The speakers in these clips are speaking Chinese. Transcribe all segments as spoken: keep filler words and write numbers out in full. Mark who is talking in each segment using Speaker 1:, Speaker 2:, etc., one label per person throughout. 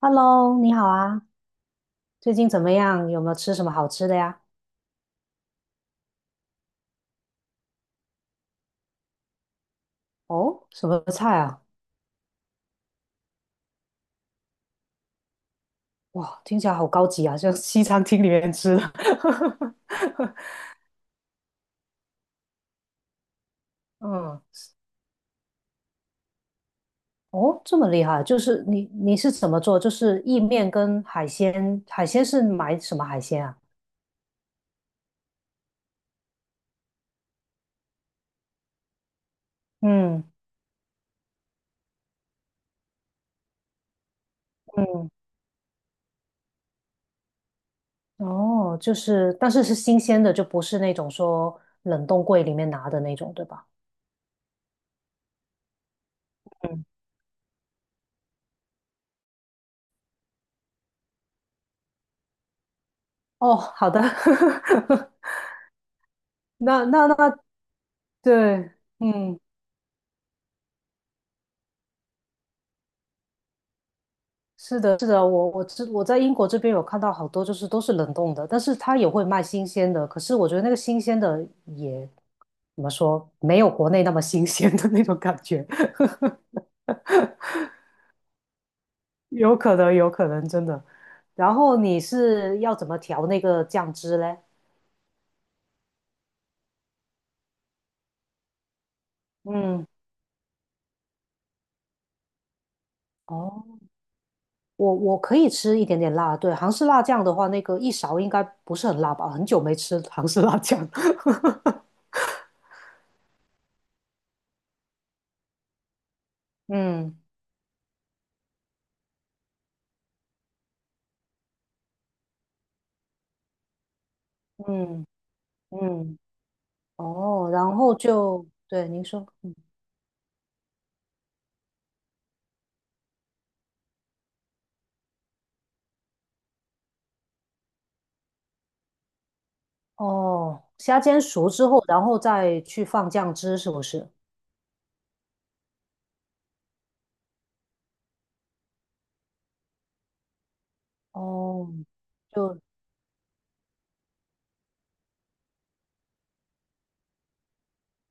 Speaker 1: Hello，你好啊，最近怎么样？有没有吃什么好吃的呀？哦，什么菜啊？哇，听起来好高级啊，像西餐厅里面吃的。嗯，哦，这么厉害，就是你你是怎么做？就是意面跟海鲜，海鲜是买什么海鲜啊？嗯嗯，哦，就是但是是新鲜的，就不是那种说冷冻柜里面拿的那种，对吧？嗯，哦，好的，那那那对，嗯。是的，是的，我我知我在英国这边有看到好多，就是都是冷冻的，但是它也会卖新鲜的。可是我觉得那个新鲜的也怎么说，没有国内那么新鲜的那种感觉，有可能，有可能真的。然后你是要怎么调那个酱汁嘞？嗯，哦，我我可以吃一点点辣，对，韩式辣酱的话，那个一勺应该不是很辣吧？很久没吃韩式辣酱。嗯嗯嗯。哦，然后就，对，您说，哦，虾煎熟之后，然后再去放酱汁，是不是？哦，就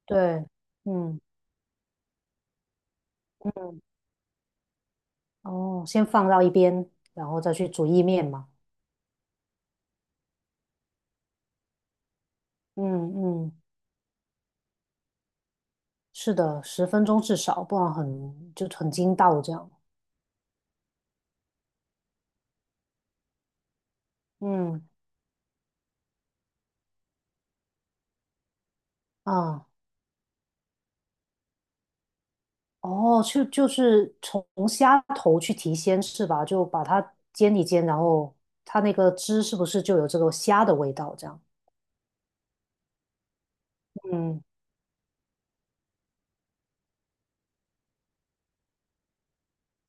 Speaker 1: 对，嗯嗯，哦，先放到一边，然后再去煮意面嘛。嗯嗯，是的，十分钟至少，不然很就很筋道这样。嗯啊，哦，就就是从虾头去提鲜是吧？就把它煎一煎，然后它那个汁是不是就有这个虾的味道这样？嗯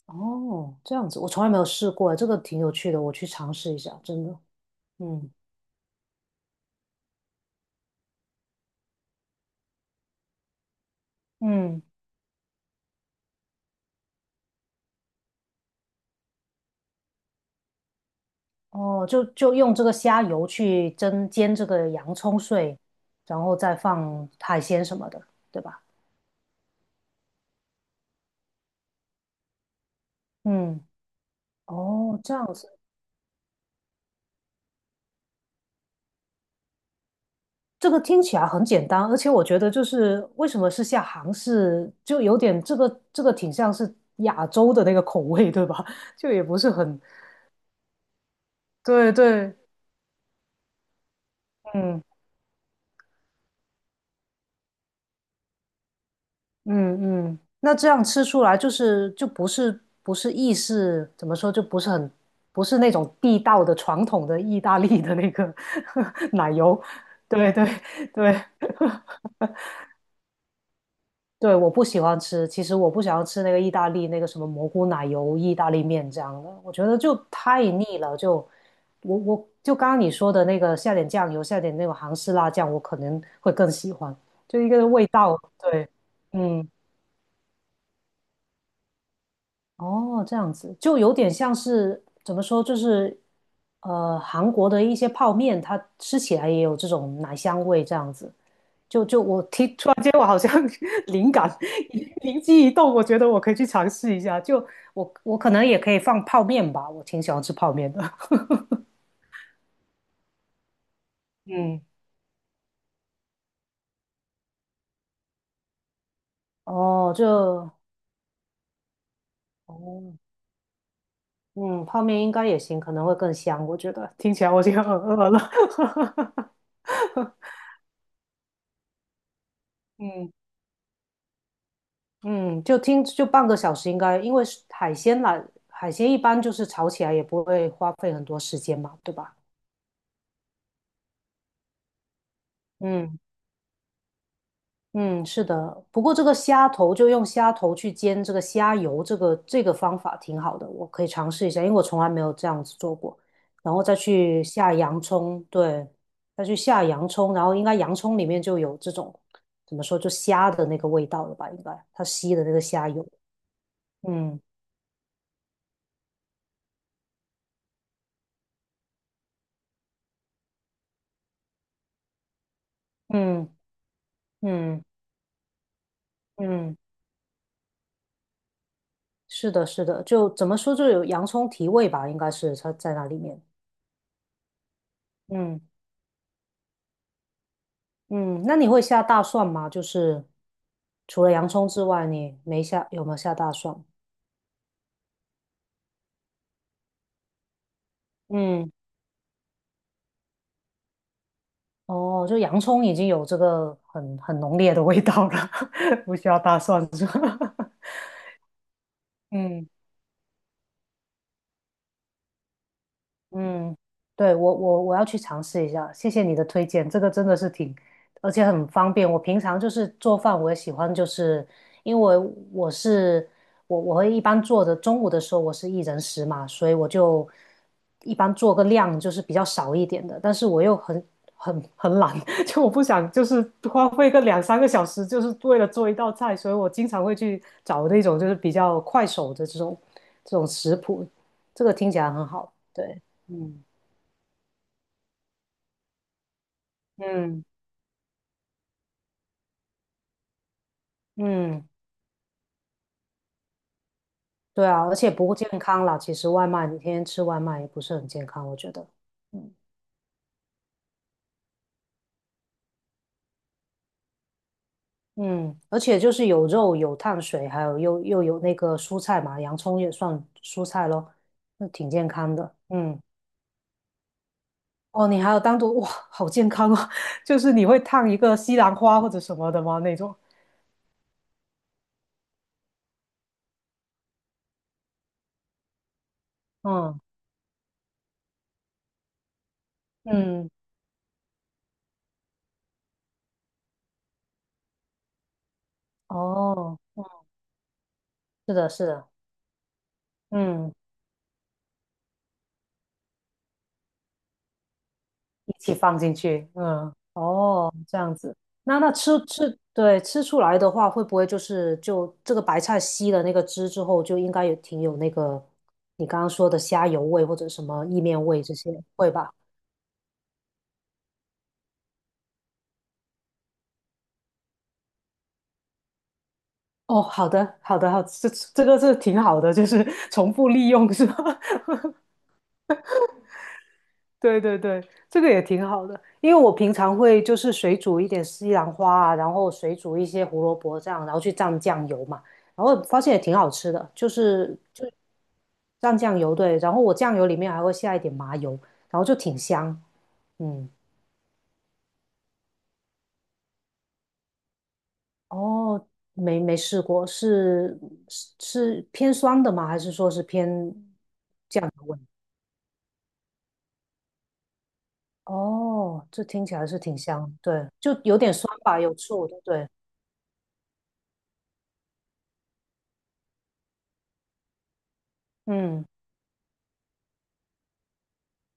Speaker 1: 哦，这样子，我从来没有试过，这个挺有趣的，我去尝试一下，真的。嗯嗯，哦，就就用这个虾油去蒸煎这个洋葱碎，然后再放海鲜什么的，对吧？嗯，哦，这样子，这个听起来很简单，而且我觉得就是为什么是下杭式，就有点这个这个挺像是亚洲的那个口味，对吧？就也不是很，对对，嗯嗯嗯，那这样吃出来就是就不是不是意式，怎么说就不是很不是那种地道的传统的意大利的那个 奶油，对对对对，我不喜欢吃，其实我不想要吃那个意大利那个什么蘑菇奶油意大利面这样的，我觉得就太腻了，就我我就刚刚你说的那个下点酱油，下点那种韩式辣酱，我可能会更喜欢，就一个味道，对，嗯。哦，这样子就有点像是怎么说，就是呃，韩国的一些泡面，它吃起来也有这种奶香味，这样子。就就我提，突然间我好像 灵感 灵机一动，我觉得我可以去尝试一下。就我我可能也可以放泡面吧，我挺喜欢吃泡面的。嗯，哦，就哦，嗯，泡面应该也行，可能会更香，我觉得。听起来我已经很饿了。嗯。嗯，就听就半个小时应该，因为是海鲜啦，海鲜一般就是炒起来也不会花费很多时间嘛，对吧？嗯嗯，是的。不过这个虾头就用虾头去煎这个虾油，这个这个方法挺好的，我可以尝试一下，因为我从来没有这样子做过。然后再去下洋葱，对，再去下洋葱，然后应该洋葱里面就有这种怎么说，就虾的那个味道了吧？应该它吸的那个虾油。嗯嗯嗯嗯。是的，是的，就怎么说，就有洋葱提味吧，应该是它在那里面。嗯嗯，那你会下大蒜吗？就是除了洋葱之外，你没下，有没有下大蒜？嗯，哦，就洋葱已经有这个很很浓烈的味道了，不需要大蒜是吧？嗯嗯，对，我我我要去尝试一下，谢谢你的推荐，这个真的是挺，而且很方便。我平常就是做饭，我也喜欢，就是因为我是我我会一般做的，中午的时候我是一人食嘛，所以我就一般做个量就是比较少一点的，但是我又很很很懒，就我不想就是花费个两三个小时，就是为了做一道菜，所以我经常会去找那种就是比较快手的这种这种食谱，这个听起来很好，对。嗯嗯嗯，对啊，而且不健康啦。其实外卖，你天天吃外卖也不是很健康，我觉得。嗯，嗯，而且就是有肉、有碳水，还有又又有那个蔬菜嘛，洋葱也算蔬菜咯，那挺健康的。嗯，哦，你还有单独，哇，好健康哦，就是你会烫一个西兰花或者什么的吗？那种。嗯嗯，哦，是的，是的，嗯。一起放进去，嗯，哦，这样子。那那吃吃，对，吃出来的话，会不会就是就这个白菜吸了那个汁之后，就应该也挺有那个你刚刚说的虾油味或者什么意面味这些，会吧？哦，好的，好的，好，这这个是挺好的，就是重复利用是吧？对对对，这个也挺好的，因为我平常会就是水煮一点西兰花啊，然后水煮一些胡萝卜这样，然后去蘸酱油嘛，然后发现也挺好吃的，就是就蘸酱油，对，然后我酱油里面还会下一点麻油，然后就挺香，嗯，哦，没没试过，是是是偏酸的吗？还是说是偏酱油味？哦，这听起来是挺香的，对，就有点酸吧，有醋，对不对？嗯。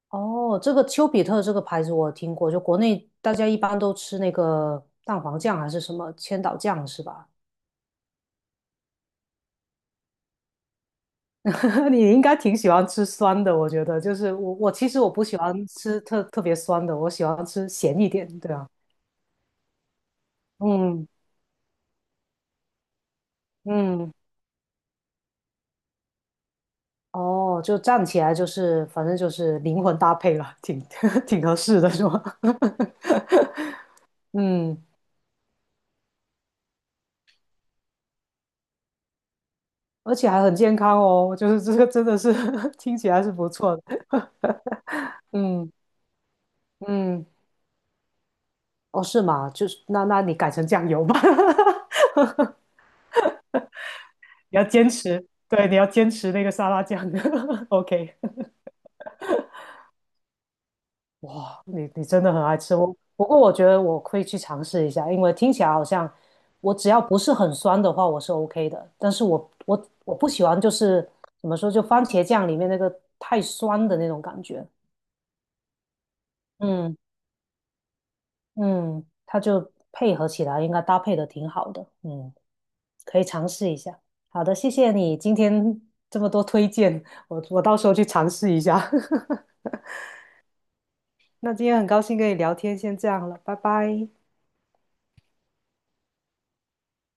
Speaker 1: 哦，这个丘比特这个牌子我听过，就国内大家一般都吃那个蛋黄酱还是什么千岛酱是吧？你应该挺喜欢吃酸的，我觉得就是我我其实我不喜欢吃特特别酸的，我喜欢吃咸一点，对啊，嗯嗯，哦，就站起来就是反正就是灵魂搭配了，挺 挺合适的是吧？嗯，而且还很健康哦，就是这个真的是 听起来是不错的，嗯嗯。哦，是吗？就是那那你改成酱油吧，你要坚持，对，你要坚持那个沙拉酱。OK，哇，你你真的很爱吃我。不过我觉得我会去尝试一下，因为听起来好像我只要不是很酸的话，我是 OK 的。但是我我我不喜欢就是怎么说，就番茄酱里面那个太酸的那种感觉。嗯嗯，它就配合起来应该搭配的挺好的。嗯。可以尝试一下。好的，谢谢你今天这么多推荐，我我到时候去尝试一下。那今天很高兴跟你聊天，先这样了，拜拜。